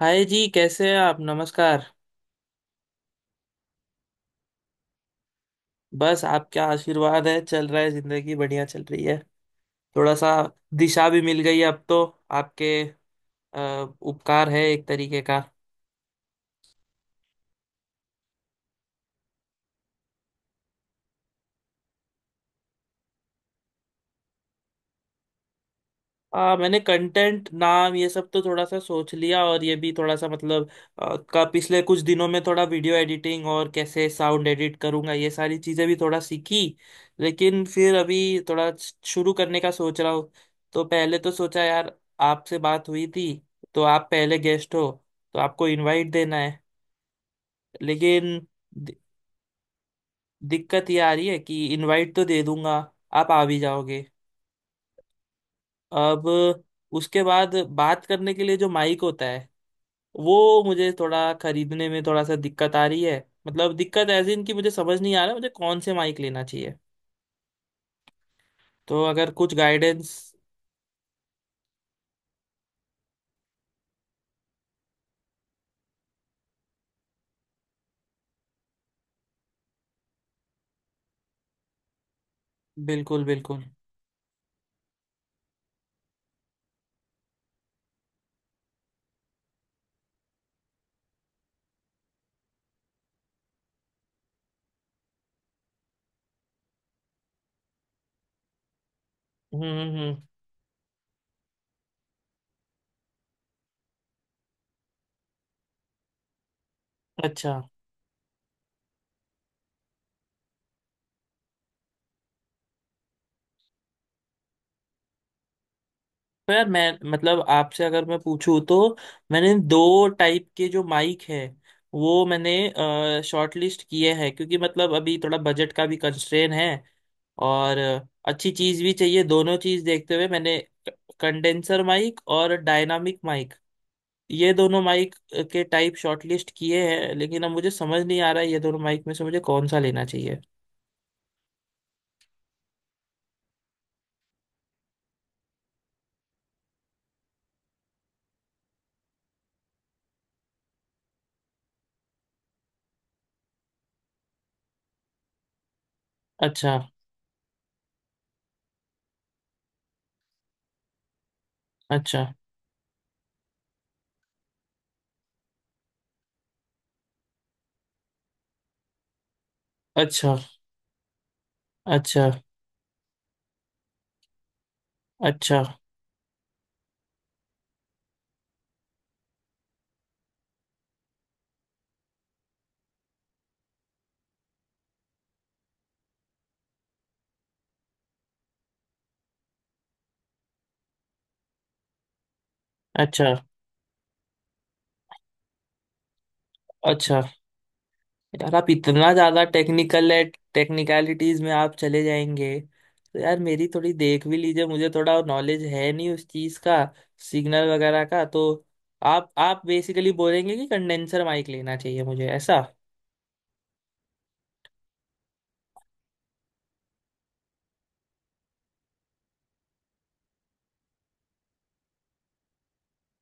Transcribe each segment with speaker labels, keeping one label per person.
Speaker 1: हाय जी, कैसे हैं आप? नमस्कार। बस आपका आशीर्वाद है, चल रहा है, जिंदगी बढ़िया चल रही है। थोड़ा सा दिशा भी मिल गई है, अब तो आपके अ, उपकार है, एक तरीके का। मैंने कंटेंट नाम ये सब तो थोड़ा सा सोच लिया, और ये भी थोड़ा सा मतलब। का पिछले कुछ दिनों में थोड़ा वीडियो एडिटिंग और कैसे साउंड एडिट करूंगा, ये सारी चीजें भी थोड़ा सीखी। लेकिन फिर अभी थोड़ा शुरू करने का सोच रहा हूँ। तो पहले तो सोचा यार, आपसे बात हुई थी, तो आप पहले गेस्ट हो, तो आपको इनवाइट देना है, लेकिन दि- दिक्कत ये आ रही है कि इनवाइट तो दे दूंगा, आप आ भी जाओगे, अब उसके बाद बात करने के लिए जो माइक होता है वो मुझे थोड़ा खरीदने में थोड़ा सा दिक्कत आ रही है। मतलब दिक्कत ऐसी, इनकी मुझे समझ नहीं आ रहा मुझे कौन से माइक लेना चाहिए, तो अगर कुछ गाइडेंस। बिल्कुल, बिल्कुल। हम्म, हम्म, अच्छा। तो यार, मैं मतलब आपसे अगर मैं पूछूं तो, मैंने दो टाइप के जो माइक है वो मैंने शॉर्ट लिस्ट किए हैं, क्योंकि मतलब अभी थोड़ा बजट का भी कंस्ट्रेन है। और अच्छी चीज भी चाहिए, दोनों चीज देखते हुए मैंने कंडेंसर माइक और डायनामिक माइक, ये दोनों माइक के टाइप शॉर्टलिस्ट किए हैं, लेकिन अब मुझे समझ नहीं आ रहा है ये दोनों माइक में से मुझे कौन सा लेना चाहिए। अच्छा, अच्छा, अच्छा, अच्छा, अच्छा, अच्छा, अच्छा। यार आप इतना ज्यादा टेक्निकल है, टेक्निकलिटीज में आप चले जाएंगे। तो यार मेरी थोड़ी देख भी लीजिए, मुझे थोड़ा नॉलेज है नहीं उस चीज का, सिग्नल वगैरह का। तो आप बेसिकली बोलेंगे कि कंडेंसर माइक लेना चाहिए मुझे, ऐसा?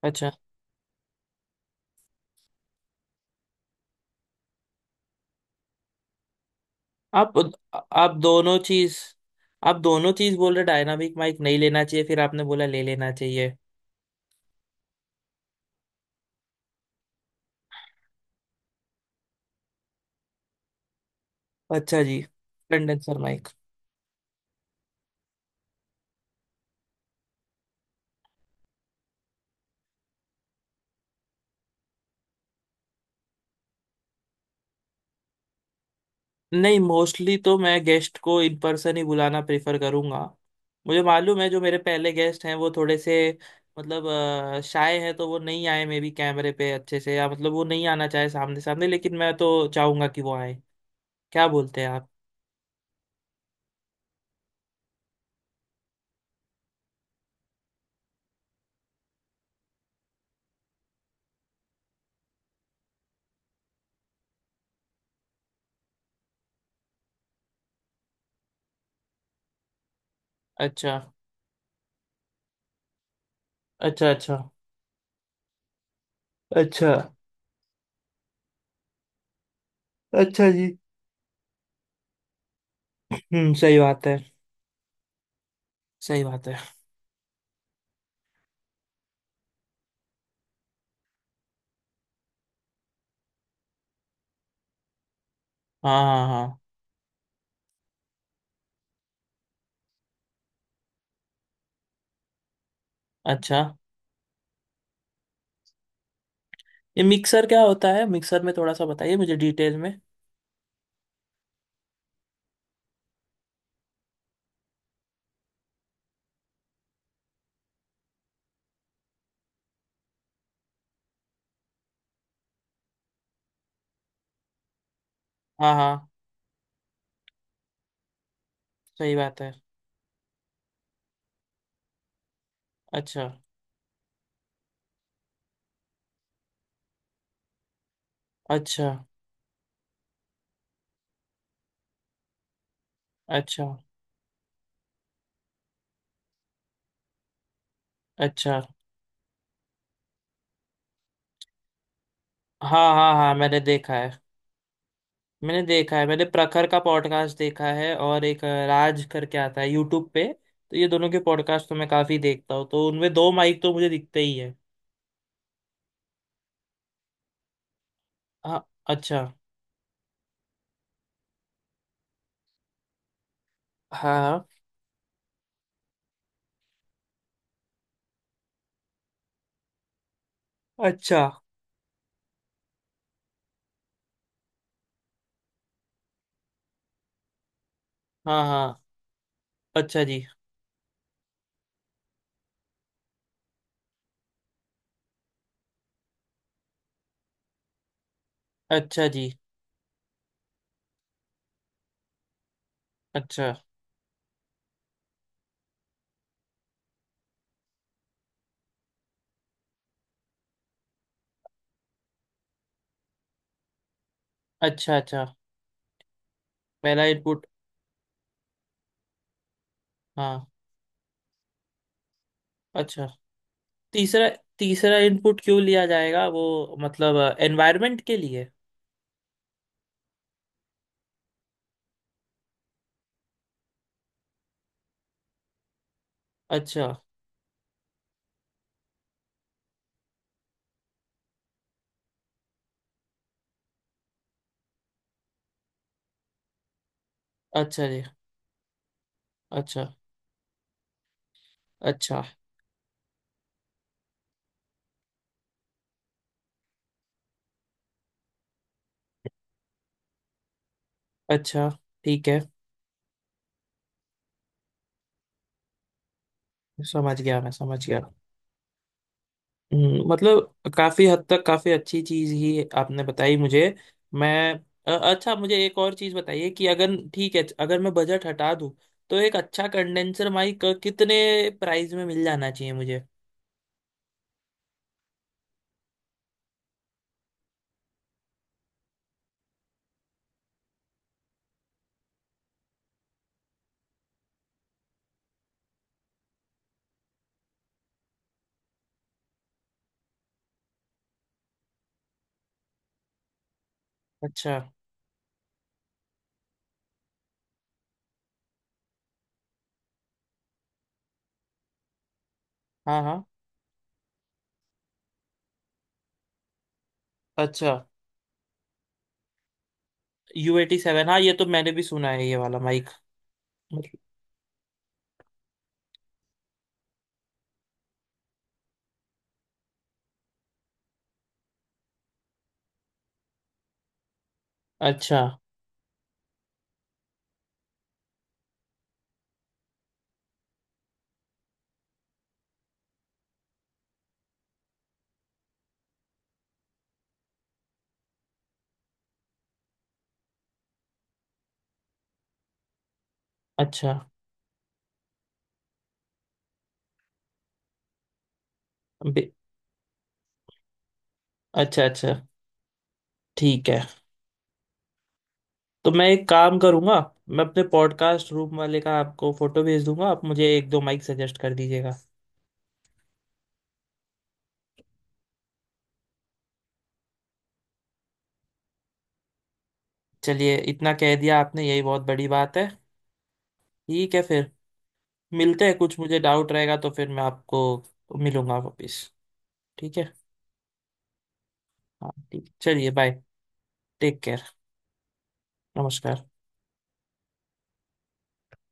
Speaker 1: अच्छा। आप आप दोनों चीज आप दोनों चीज बोल रहे, डायनामिक माइक नहीं लेना चाहिए, फिर आपने बोला ले लेना चाहिए। अच्छा जी। Condenser mic. नहीं, मोस्टली तो मैं गेस्ट को इन पर्सन ही बुलाना प्रेफर करूंगा। मुझे मालूम है जो मेरे पहले गेस्ट हैं वो थोड़े से मतलब शाय है, तो वो नहीं आए मे बी कैमरे पे अच्छे से, या मतलब वो नहीं आना चाहे सामने सामने, लेकिन मैं तो चाहूंगा कि वो आए। क्या बोलते हैं आप? अच्छा, अच्छा, अच्छा, अच्छा, अच्छा जी। हम्म, सही बात है। सही बात है। हाँ, हाँ, हाँ। अच्छा, ये मिक्सर क्या होता है? मिक्सर में थोड़ा सा बताइए मुझे डिटेल में। हाँ, हाँ, सही बात है। अच्छा, अच्छा, अच्छा, अच्छा। हाँ, हाँ, हाँ, मैंने देखा है। मैंने देखा है, मैंने प्रखर का पॉडकास्ट देखा है, और एक राज करके आता है यूट्यूब पे, तो ये दोनों के पॉडकास्ट तो मैं काफी देखता हूँ, तो उनमें दो माइक तो मुझे दिखते ही है। हाँ, अच्छा। हाँ, हाँ। अच्छा। हाँ, हाँ। अच्छा जी। अच्छा जी। अच्छा, अच्छा, अच्छा। पहला इनपुट। हाँ। अच्छा। तीसरा तीसरा इनपुट क्यों लिया जाएगा, वो मतलब एनवायरनमेंट के लिए? अच्छा अच्छा जी। अच्छा, अच्छा, अच्छा। ठीक है। समझ गया, मैं समझ गया। मतलब काफी हद तक काफी अच्छी चीज ही आपने बताई मुझे। मैं अच्छा, मुझे एक और चीज बताइए कि अगर ठीक है, अगर मैं बजट हटा दूं तो एक अच्छा कंडेंसर माइक कितने प्राइस में मिल जाना चाहिए मुझे? अच्छा। हाँ, हाँ। अच्छा, U87, हाँ ये तो मैंने भी सुना है ये वाला माइक। अच्छा, अच्छा। बे- अच्छा, अच्छा। ठीक है, तो मैं एक काम करूंगा, मैं अपने पॉडकास्ट रूम वाले का आपको फोटो भेज दूंगा, आप मुझे एक दो माइक सजेस्ट कर दीजिएगा। चलिए, इतना कह दिया आपने यही बहुत बड़ी बात है। ठीक है फिर, मिलते हैं। कुछ मुझे डाउट रहेगा तो फिर मैं आपको मिलूंगा वापिस। ठीक है। हाँ ठीक, चलिए बाय। Take care. नमस्कार।